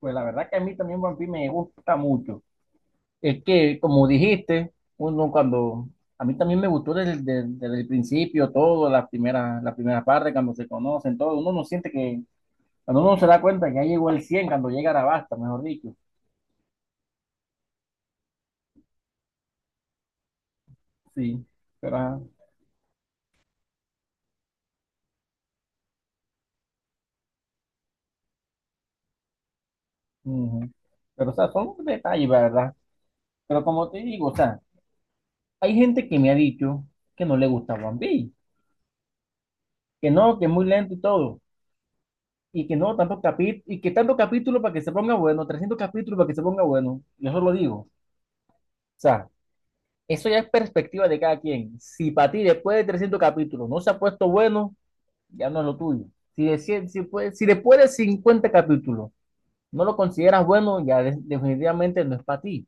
Pues la verdad que a mí también One Piece me gusta mucho. Es que, como dijiste, uno cuando... A mí también me gustó desde el principio todo, las primeras partes, cuando se conocen, todo. Uno no siente que... Cuando uno se da cuenta que ya llegó el 100 cuando llega Arabasta, mejor dicho. Sí, pero... ujú. Pero, o sea, son detalles, la ¿verdad? Pero como te digo, o sea, hay gente que me ha dicho que no le gusta One Piece, que no, que es muy lento y todo. Y que no tanto capi- y que tanto capítulo para que se ponga bueno, 300 capítulos para que se ponga bueno. Yo solo digo. O sea, eso ya es perspectiva de cada quien. Si para ti después de 300 capítulos no se ha puesto bueno, ya no es lo tuyo. Si, de 100 si, puede- Si después de 50 capítulos no lo consideras bueno, ya definitivamente no es para ti.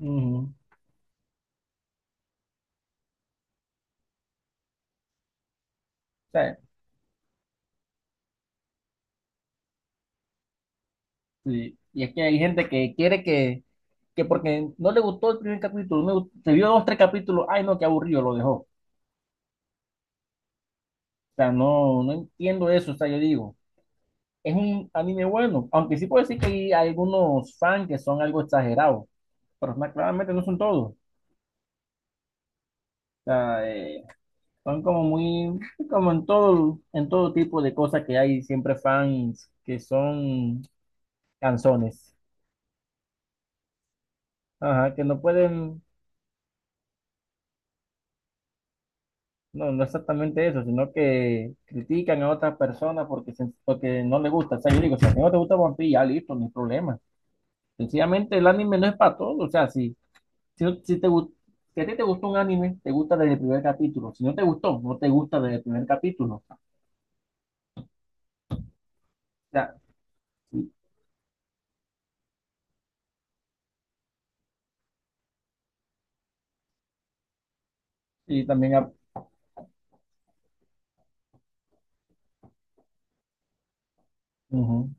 Ujú. ¿Sabes? Sí, y es que hay gente que que porque no le gustó el primer capítulo, no, se vio dos, tres capítulos, ay no, qué aburrido, lo dejó. O sea, no, no entiendo eso, o sea, yo digo, es un anime bueno, aunque sí puedo decir que hay algunos fans que son algo exagerados, pero claramente no son todos. O sea, son como muy, como en todo tipo de cosas que hay siempre fans que son canzones, ajá, que no pueden, no, no exactamente eso, sino que critican a otras personas porque, porque no les gusta. O sea, yo digo, si a ti no te gusta One Piece, ya listo, no hay problema. Sencillamente el anime no es para todos, o sea, sí. Si, no- si te, gu- si a ti te gustó un anime, te gusta desde el primer capítulo. Si no te gustó, no te gusta desde el primer capítulo. O sea, y, y también, ujú.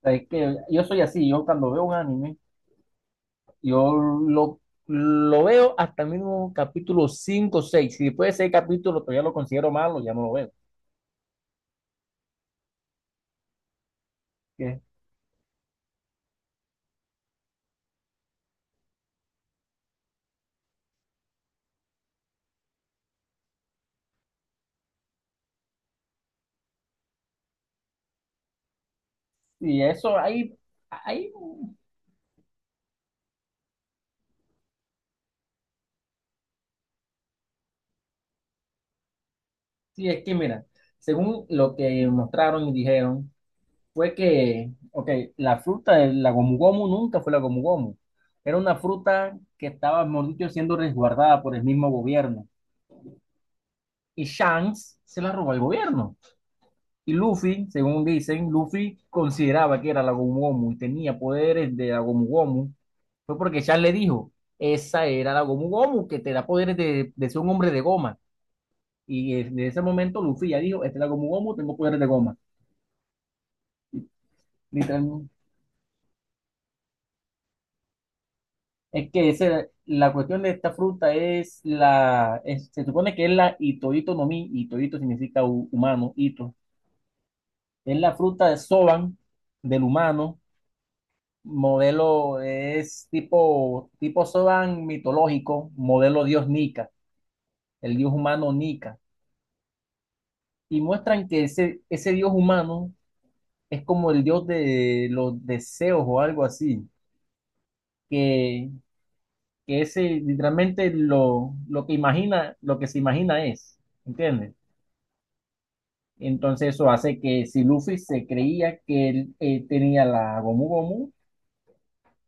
O sea, es que yo soy así, yo cuando veo un anime, yo lo veo hasta el mismo capítulo 5 o 6. Si después de 6 capítulos todavía lo considero malo, ya no lo veo. Que- Y eso ahí, ahí, sí, es que mira, según lo que mostraron y dijeron, fue que, ok, la fruta, de la gomu gomu nunca fue la gomu gomu. Era una fruta que estaba, mejor dicho, siendo resguardada por el mismo gobierno. Y Shanks se la robó al gobierno. Y Luffy, según dicen, Luffy consideraba que era la gomu gomu y tenía poderes de la gomu gomu. Fue porque Shanks le dijo, esa era la gomu gomu que te da poderes de ser un hombre de goma. Y desde ese momento Luffy ya dijo, esta es la gomu gomu, tengo poderes de goma. Literal, es que ese, la cuestión de esta fruta es se supone que es la Itoito no Mi, Itoito significa humano, Ito. Es la fruta de Soban del humano, modelo es tipo Soban mitológico, modelo dios Nika, el dios humano Nika. Y muestran que ese dios humano es como el dios de los deseos o algo así, que, que ese literalmente lo que imagina, lo que se imagina es, ¿entiendes? Entonces eso hace que si Luffy se creía que él tenía la Gomu Gomu,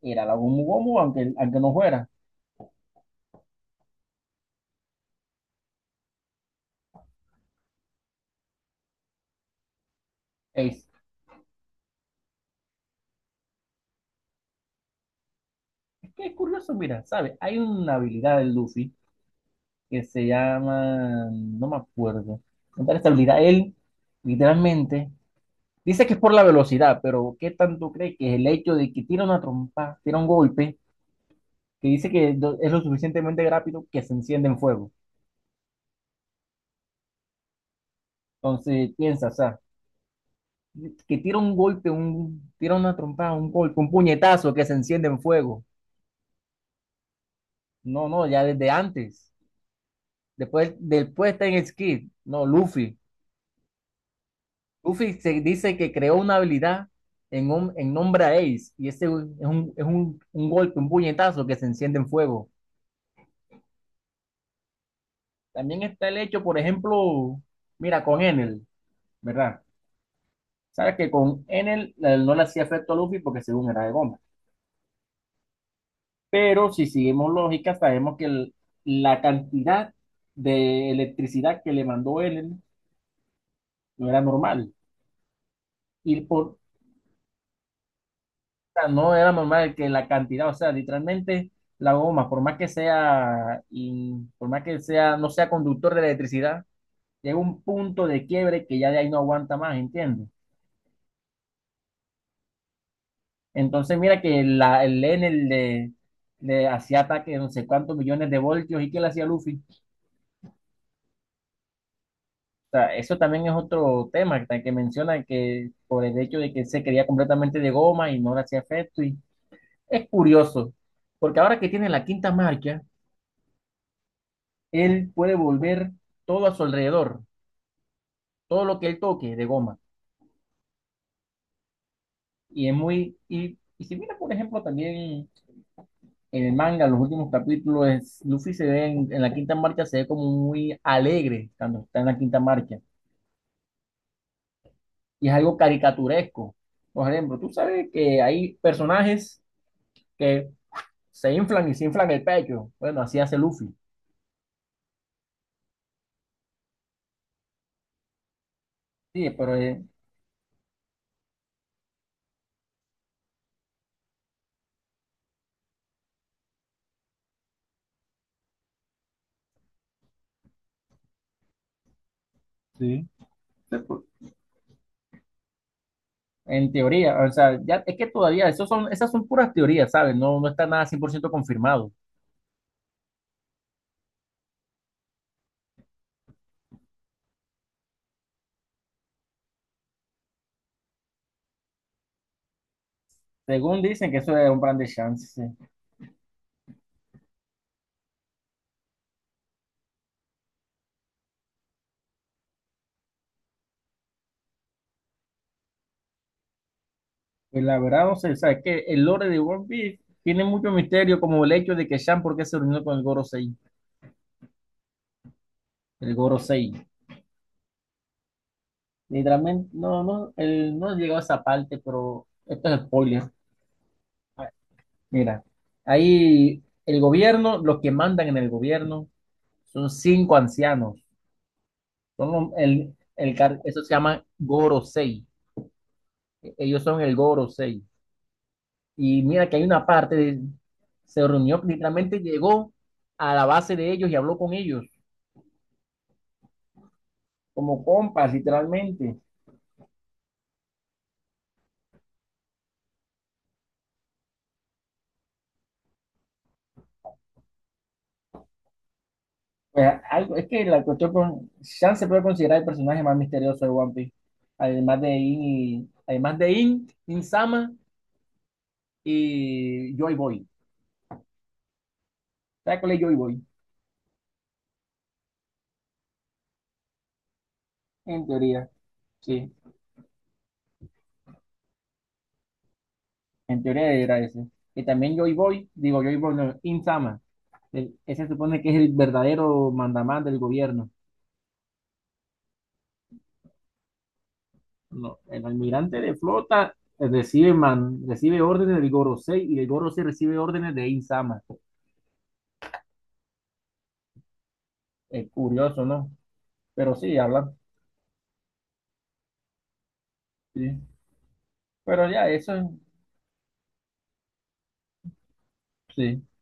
era la Gomu Gomu aunque no fuera. Es, es que es curioso, mira, ¿sabes? Hay una habilidad del Luffy que se llama, no me acuerdo, contar esta habilidad. Él literalmente dice que es por la velocidad, pero ¿qué tanto cree que es el hecho de que tira una trompa, tira un golpe, que dice que es lo suficientemente rápido que se enciende en fuego? Entonces piensa, o sea, que tira un golpe, tira una trompada, un golpe, un puñetazo que se enciende en fuego. No, no, ya desde antes. Después está en Skid. No, Luffy. Luffy se dice que creó una habilidad en nombre a Ace. Y ese es un golpe, un puñetazo que se enciende en fuego. También está el hecho, por ejemplo, mira, con Enel, ¿verdad? Sabes que con Enel no le hacía efecto a Luffy porque según era de goma. Pero si seguimos lógica, sabemos que la cantidad de electricidad que le mandó Ellen no era normal. Y por, o sea, no era normal que la cantidad, o sea, literalmente la goma, por más que sea, no sea conductor de electricidad, llega un punto de quiebre que ya de ahí no aguanta más, ¿entiendes? Entonces, mira que el Enel le, hacía ataque de no sé cuántos millones de voltios y que le hacía Luffy. Sea, eso también es otro tema que menciona que por el hecho de que se quería completamente de goma y no le hacía efecto. Y es curioso, porque ahora que tiene la quinta marca, él puede volver todo a su alrededor, todo lo que él toque de goma. Y es muy. Y si mira, por ejemplo, también en el manga, los últimos capítulos, Luffy se ve en la quinta marca, se ve como muy alegre cuando está en la quinta marca. Y es algo caricaturesco. Por ejemplo, tú sabes que hay personajes que se inflan y se inflan el pecho. Bueno, así hace Luffy. Sí, pero en teoría, o sea, ya es que todavía, esos son, esas son puras teorías, ¿sabes? No, no está nada 100% confirmado. Según dicen que eso es un plan de chance. Sí. Pues la verdad, no sé, o sea, es que el lore de One Piece tiene mucho misterio, como el hecho de que Shan, ¿por qué se reunió con el Gorosei? El Gorosei. Literalmente, no, no, él no he llegado a esa parte, pero esto es spoiler. Mira, ahí el gobierno, los que mandan en el gobierno, son cinco ancianos. Son eso se llama Gorosei. Ellos son el Gorosei. Y mira que hay una parte, se reunió, literalmente llegó a la base de ellos y habló con ellos, como compas, literalmente. Pues, algo, es que la cuestión, Shan se puede considerar el personaje más misterioso de One Piece, además de In, además de In, In-sama y Joy Boy. ¿Sabes cuál es Joy Boy? En teoría, sí. En teoría era ese. Y también Joy Boy, digo Joy Boy, no, Insama. Ese se supone que es el verdadero mandamás del gobierno. No, el almirante de flota recibe, recibe órdenes del Gorosei y el Gorosei recibe órdenes de Insama. Es curioso, ¿no? Pero sí, hablan. Sí. Pero ya, eso, sí.